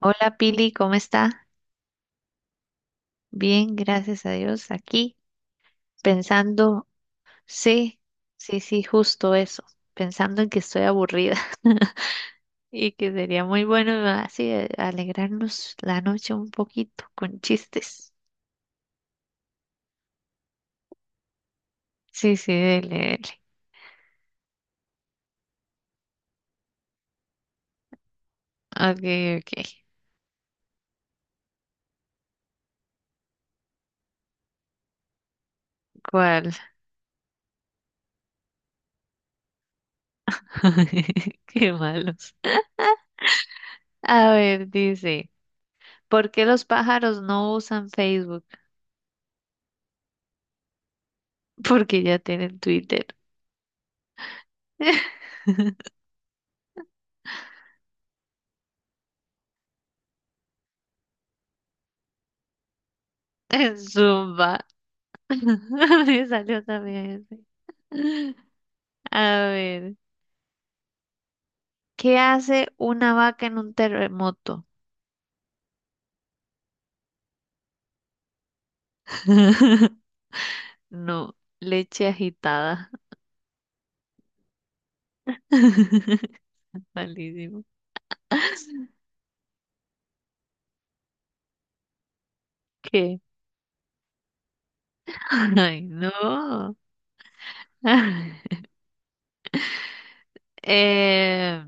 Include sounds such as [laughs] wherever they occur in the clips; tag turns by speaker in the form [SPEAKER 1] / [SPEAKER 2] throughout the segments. [SPEAKER 1] Hola Pili, ¿cómo está? Bien, gracias a Dios. Aquí pensando, sí, sí, sí, justo eso, pensando en que estoy aburrida. [laughs] Y que sería muy bueno así alegrarnos la noche un poquito con chistes. Sí, sí, dele, dele. Ok, ok. ¿Cuál? [laughs] Qué malos. A ver, dice, ¿por qué los pájaros no usan Facebook? [laughs] Porque ya tienen Twitter. [laughs] Zumba. [laughs] Me salió también ese. A ver, ¿qué hace una vaca en un terremoto? [laughs] No, leche agitada. [laughs] Malísimo. ¿Qué? Ay, no. [laughs] Eh,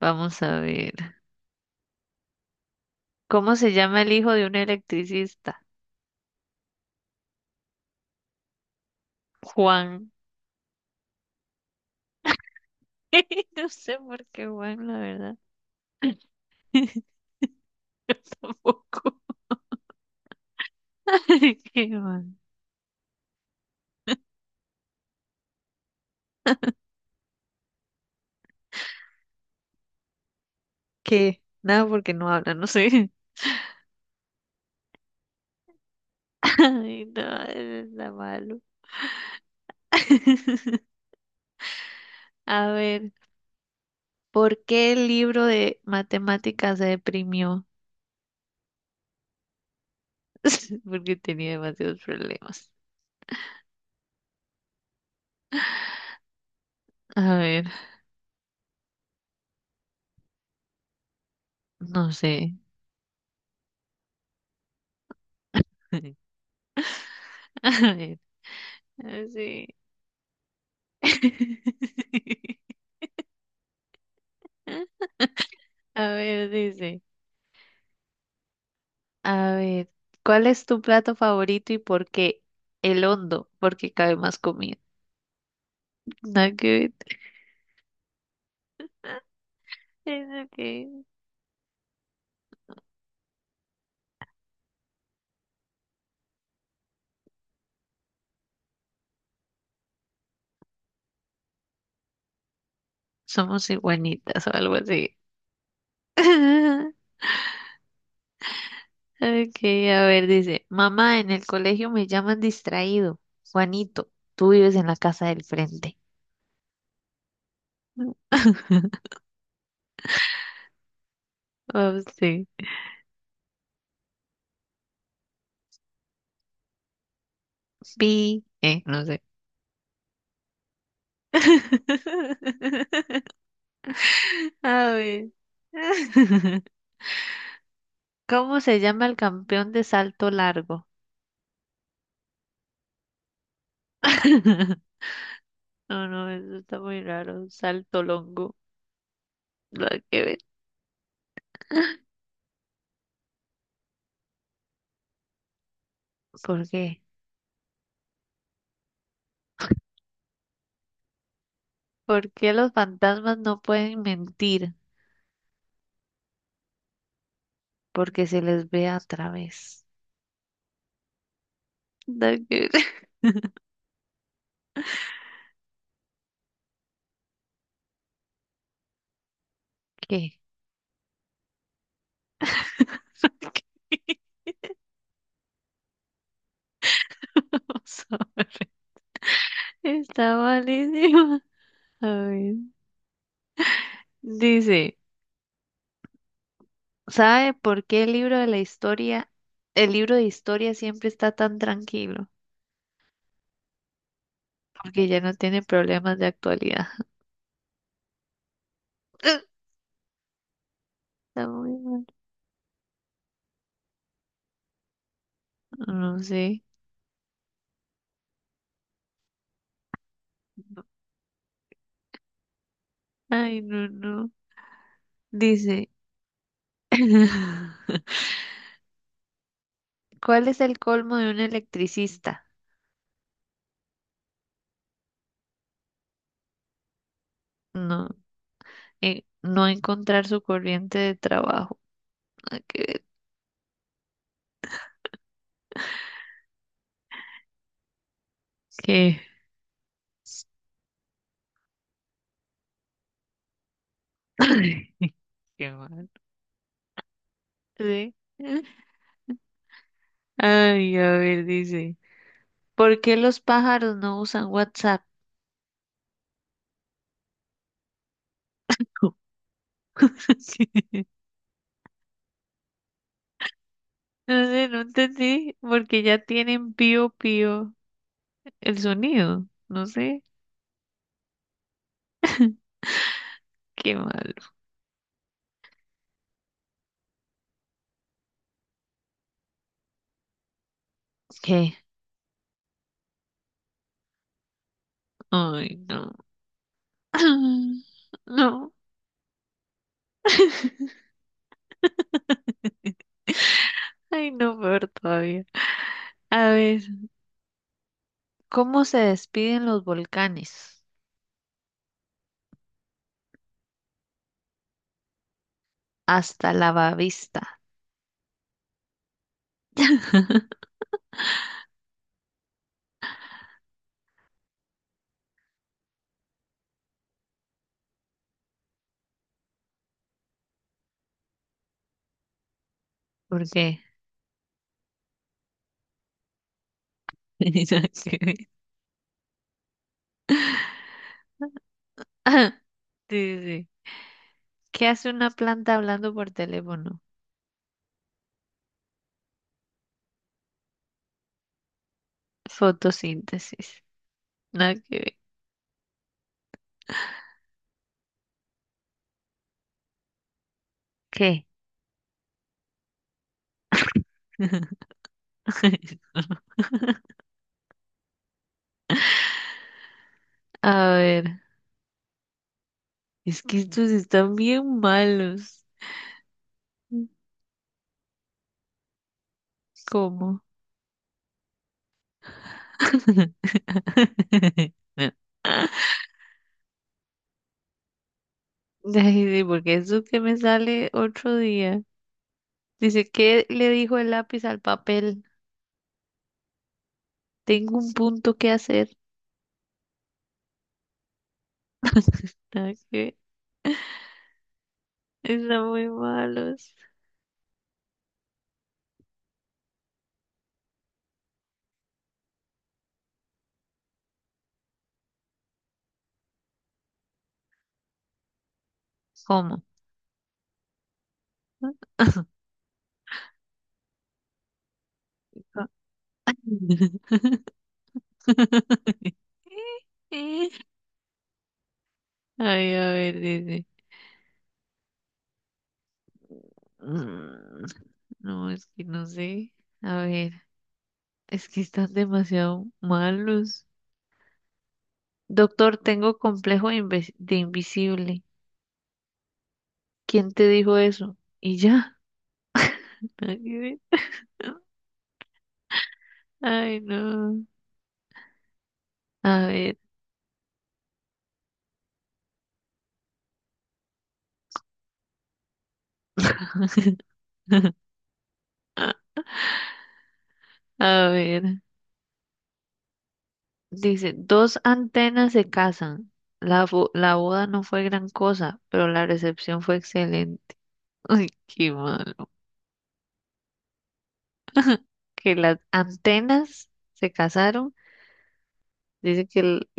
[SPEAKER 1] vamos a ver. ¿Cómo se llama el hijo de un electricista? Juan. [laughs] No sé por qué Juan, la verdad. [laughs] Yo tampoco. [laughs] ¿Qué Juan? ¿Qué? Nada porque no habla, no sé. [laughs] Ay, no, eso está malo. [laughs] A ver, ¿por qué el libro de matemáticas se deprimió? [laughs] Porque tenía demasiados problemas. A ver, no sé. [laughs] A ver, ah, sí. [laughs] A ver, dice. A ver, ¿cuál es tu plato favorito y por qué? El hondo, porque cabe más comida. [laughs] Nada que ver. Eso. Somos iguanitas o algo así. [laughs] Ok, a ver, dice, mamá, en el colegio me llaman distraído. Juanito, tú vives en la casa del frente. [laughs] Oh, sí. Pi, no sé. [laughs] A ver. [laughs] ¿Cómo se llama el campeón de salto largo? [laughs] No, no, eso está muy raro. Salto longo. Nada que ver. ¿Por qué? ¿Por qué los fantasmas no pueden mentir? Porque se les ve a través. Da que- [laughs] ¿Qué? [laughs] Vamos a ver. Está malísima. A ver. Dice, ¿sabe por qué el libro de historia siempre está tan tranquilo? Porque ya no tiene problemas de actualidad. [laughs] Está muy mal. No sé. Ay, no, no. Dice, [laughs] ¿cuál es el colmo de un electricista? No, no encontrar su corriente de trabajo. que, que- [laughs] Qué mal. Sí. Ay, a ver, dice, ¿por qué los pájaros no usan WhatsApp? [laughs] No sé, no entendí, porque ya tienen pío pío el sonido, no sé. [laughs] Qué malo. ¿Qué? Ay, no. [clears throat] No, ay, no, peor todavía. A ver, ¿cómo se despiden los volcanes? Hasta la vista. ¿Por qué? [laughs] [laughs] Sí, sí, sí. ¿Qué hace una planta hablando por teléfono? Fotosíntesis. Nada que ver. ¿Qué? [laughs] A ver, es que estos están bien malos. ¿Cómo? [laughs] Ay, sí, porque eso que me sale otro día. Dice, ¿qué le dijo el lápiz al papel? Tengo un punto que hacer. [laughs] Nada que ver. Están muy malos. ¿Cómo? [laughs] [laughs] Ay, a ver, dice. Mm, no, es que no sé. A ver, es que están demasiado malos. Doctor, tengo complejo de, de invisible. ¿Quién te dijo eso? Y ya. Nada que ver. Ay, no. A ver, [laughs] a ver. Dice, dos antenas se casan. La boda no fue gran cosa, pero la recepción fue excelente. Ay, qué malo. Que las antenas se casaron. Dice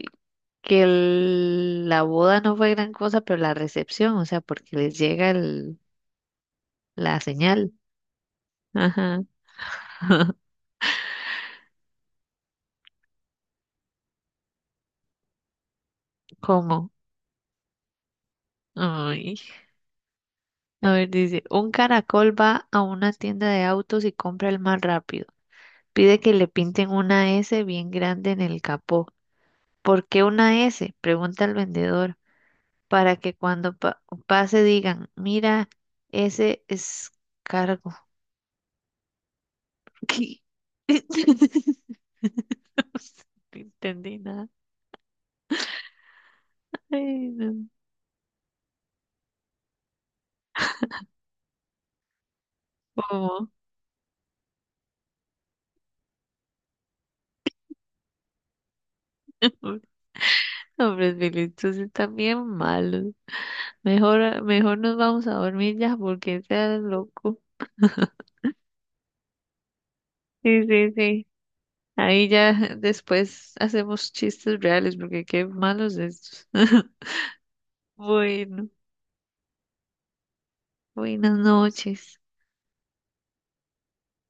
[SPEAKER 1] que la boda no fue gran cosa, pero la recepción, o sea, porque les llega la señal. Ajá. ¿Cómo? Ay. A ver, dice, un caracol va a una tienda de autos y compra el más rápido. Pide que le pinten una S bien grande en el capó. ¿Por qué una S? Pregunta el vendedor, para que cuando pase digan, mira, ese es. ¿Qué? [laughs] No entendí nada. Ay, no. ¿Cómo? Hombres, Bilichus están bien malos. Mejor, mejor nos vamos a dormir ya porque seas loco. Sí, sí, sí. Ahí ya después hacemos chistes reales porque qué malos estos. [laughs] Bueno, buenas noches.